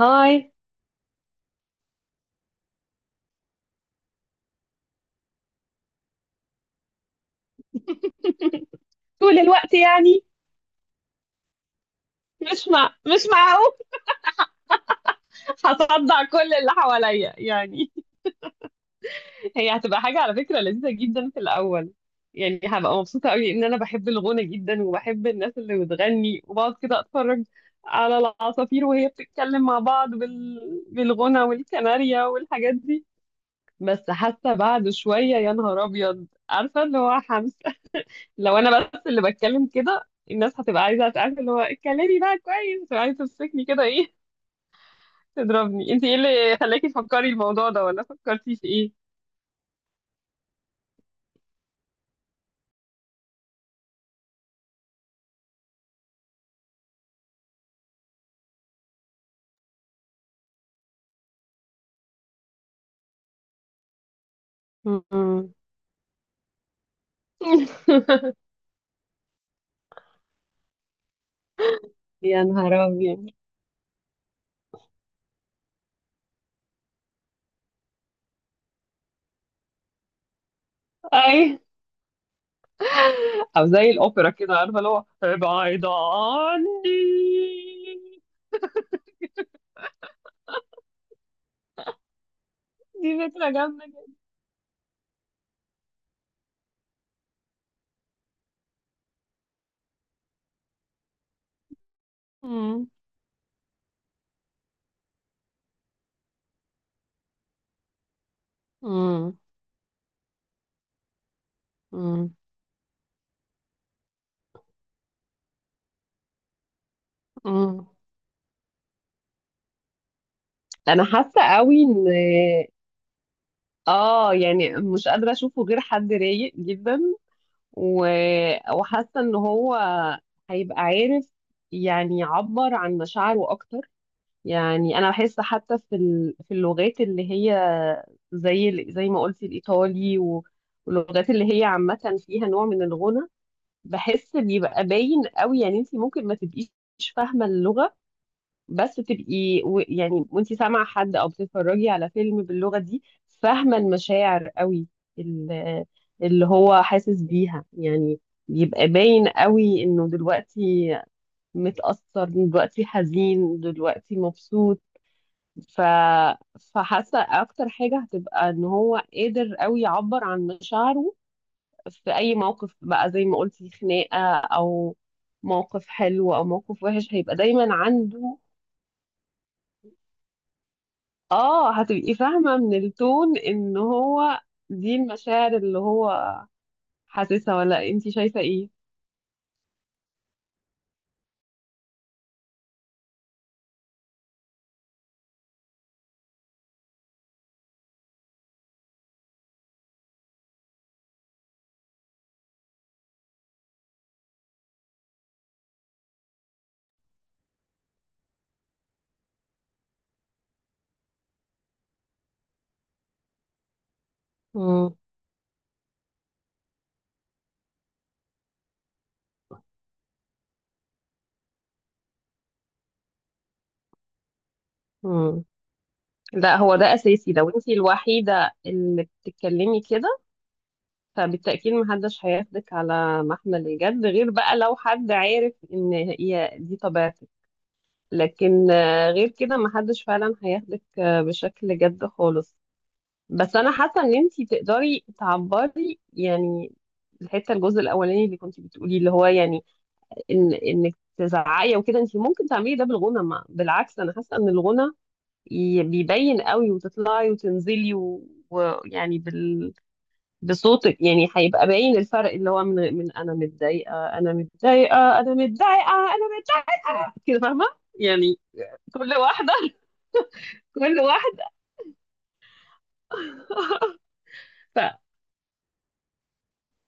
هاي. طول الوقت يعني. مش معقول. هصدع كل اللي حواليا يعني. هي هتبقى حاجة على فكرة لذيذة جدا في الأول، يعني هبقى مبسوطة قوي إن أنا بحب الغنى جدا وبحب الناس اللي بتغني، وبقعد كده أتفرج على العصافير وهي بتتكلم مع بعض بالغنى والكناريا والحاجات دي. بس حتى بعد شوية، يا نهار أبيض، عارفة اللي هو حمس. لو أنا بس اللي بتكلم كده، الناس هتبقى عايزة تعرف اللي هو اتكلمي بقى كويس، وعايزة تمسكني كده، إيه تضربني. انت ايه اللي خلاكي تفكري الموضوع ده؟ ولا فكرتي في ايه؟ مم. يا نهار أبيض. اي. او زي الاوبرا كده، عارفه اللي هو ابعد عني. دي فكره جامده جدا. مم. مم. مم. مم. أنا حاسة قوي إن يعني مش قادرة أشوفه غير حد رايق جدا. و... وحاسة إن هو هيبقى عارف، يعني يعبر عن مشاعره أكتر. يعني انا بحس حتى في اللغات اللي هي زي ما قلتي الايطالي واللغات اللي هي عامه فيها نوع من الغنى. بحس بيبقى باين قوي، يعني انت ممكن ما تبقيش فاهمه اللغه، بس تبقي يعني وانت سامعه حد او بتتفرجي على فيلم باللغه دي، فاهمه المشاعر قوي ال- اللي هو حاسس بيها، يعني بيبقى باين قوي انه دلوقتي متأثر، دلوقتي حزين، دلوقتي مبسوط. ف... فحاسه اكتر حاجه هتبقى ان هو قادر قوي يعبر عن مشاعره في اي موقف بقى، زي ما قلتي خناقه او موقف حلو او موقف وحش، هيبقى دايما عنده. اه هتبقي فاهمه من التون ان هو دي المشاعر اللي هو حاسسها. ولا انتي شايفه ايه؟ مم. مم. لا، هو ده اساسي. لو انتي الوحيده اللي بتتكلمي كده، فبالتأكيد محدش هياخدك على محمل الجد، غير بقى لو حد عارف ان هي دي طبيعتك. لكن آه، غير كده محدش فعلا هياخدك آه، بشكل جد خالص. بس انا حاسة ان انتي تقدري تعبري، يعني الحتة الجزء الاولاني اللي كنتي بتقولي اللي هو يعني ان انك تزعقي وكده، انتي ممكن تعملي ده بالغنى. ما بالعكس، انا حاسة ان الغنى بيبين قوي، وتطلعي وتنزلي ويعني بصوتك، يعني هيبقى باين الفرق اللي هو من انا متضايقه، انا متضايقه، انا متضايقه، انا متضايقه، كده فاهمه؟ يعني كل واحده. كل واحده. ف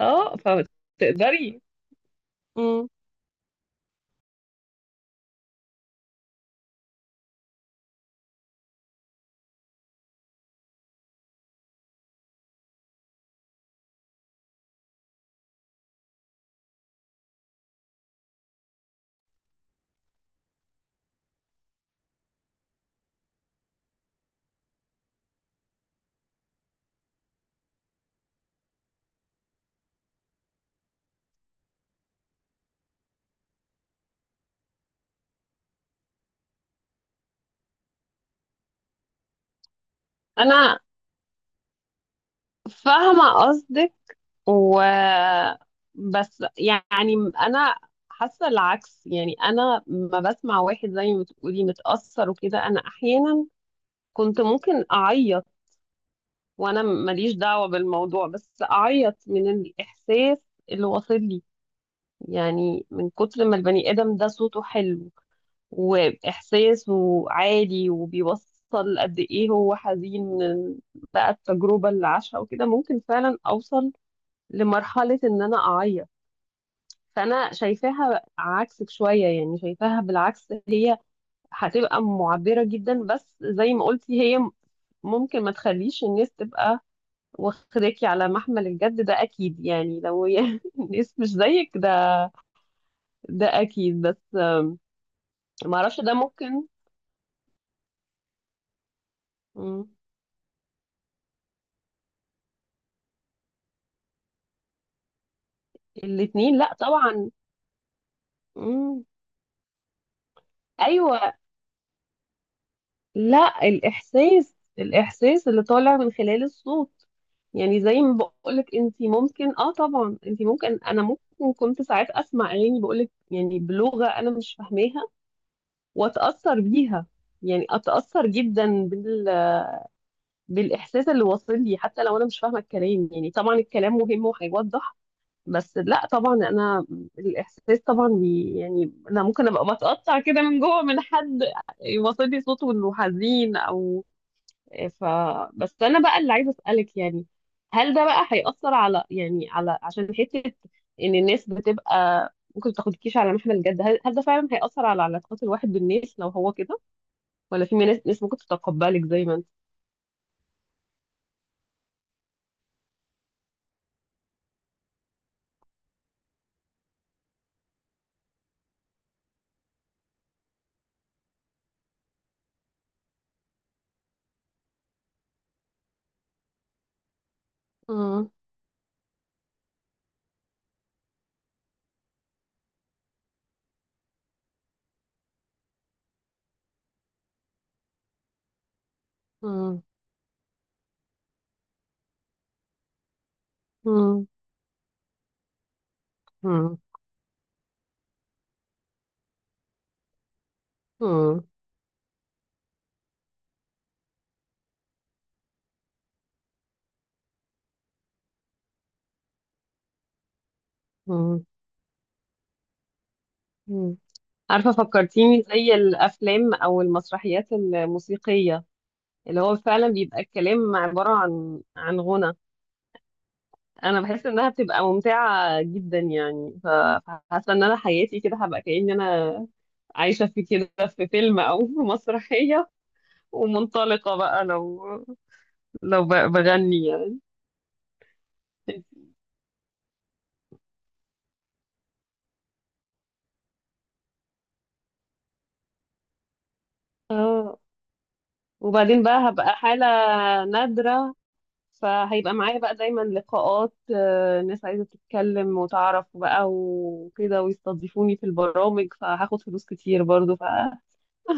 اه فتقدري. مم. انا فاهمه قصدك. و بس يعني انا حاسه العكس، يعني انا ما بسمع واحد زي ما بتقولي متاثر وكده، انا احيانا كنت ممكن اعيط وانا ماليش دعوة بالموضوع، بس اعيط من الاحساس اللي واصل لي، يعني من كتر ما البني ادم ده صوته حلو واحساسه عالي، وبيوصل قد ايه هو حزين من بقى التجربة اللي عاشها وكده، ممكن فعلا اوصل لمرحلة ان انا اعيط. فانا شايفاها عكسك شوية، يعني شايفاها بالعكس. هي هتبقى معبرة جدا، بس زي ما قلتي هي ممكن ما تخليش الناس تبقى واخداكي على محمل الجد، ده اكيد، يعني لو يعني الناس مش زيك ده اكيد. بس ما اعرفش، ده ممكن. مم. الاتنين لا طبعا. مم. ايوه. لا، الاحساس، الاحساس اللي طالع من خلال الصوت. يعني زي ما بقولك، انت ممكن اه طبعا انت ممكن انا ممكن كنت ساعات اسمع اغاني، بقولك يعني بلغة انا مش فاهماها واتاثر بيها، يعني اتاثر جدا بالاحساس اللي واصل لي، حتى لو انا مش فاهمه الكلام. يعني طبعا الكلام مهم وهيوضح، بس لا طبعا انا الاحساس طبعا بي، يعني انا ممكن ابقى بتقطع كده من جوه، من حد يوصل لي صوته انه حزين او ف بس انا بقى اللي عايزه اسالك، يعني هل ده بقى هيأثر على، يعني على عشان حته ان الناس بتبقى ممكن ما تاخدكيش على محمل الجد، هل ده فعلا هيأثر على علاقات الواحد بالناس لو هو كده؟ ولا في ناس ممكن تتقبلك زي ما انت. مم. مم. مم. مم. مم. مم. مم. عارفة، فكرتيني زي الأفلام أو المسرحيات الموسيقية، اللي هو فعلا بيبقى الكلام عبارة عن غنى. أنا بحس إنها بتبقى ممتعة جدا، يعني فحاسة إن أنا حياتي كده هبقى كأني أنا عايشة في كده، في فيلم أو في مسرحية، ومنطلقة بقى، لو بغني يعني. اه. وبعدين بقى هبقى حالة نادرة، فهيبقى معايا بقى دايما لقاءات، ناس عايزة تتكلم وتعرف بقى وكده، ويستضيفوني في البرامج، فهاخد فلوس كتير برضو.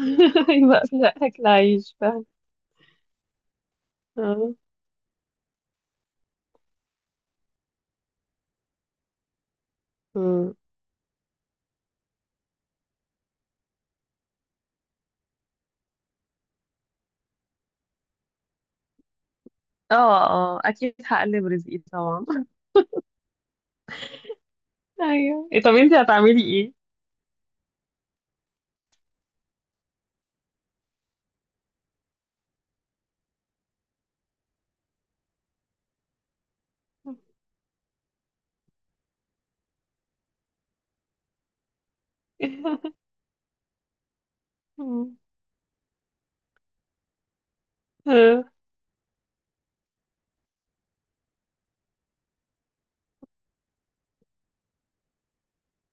فهيبقى فيها أكل عيش، فاهم. اه. مم. اه. آه، أكيد هقلب رزقي طبعا. أيوه إيه، طب انتي هتعملي ايه؟ مم. آه.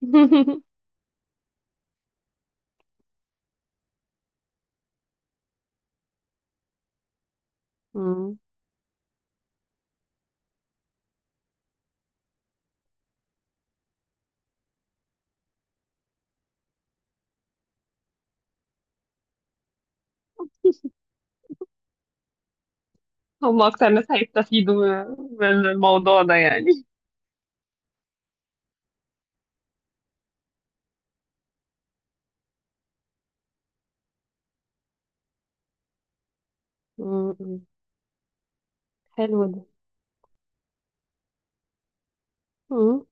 مم. هم أكتر ناس هيستفيدوا من الموضوع ده يعني. مم. حلو ده. مم.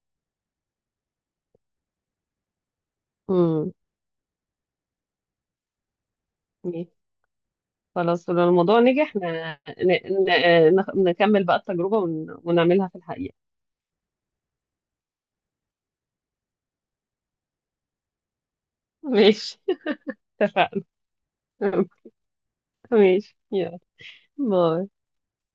مم. خلاص، لو الموضوع نجح، احنا نكمل بقى التجربة ونعملها في الحقيقة. ماشي. اتفقنا. ماشي، يلا. باي.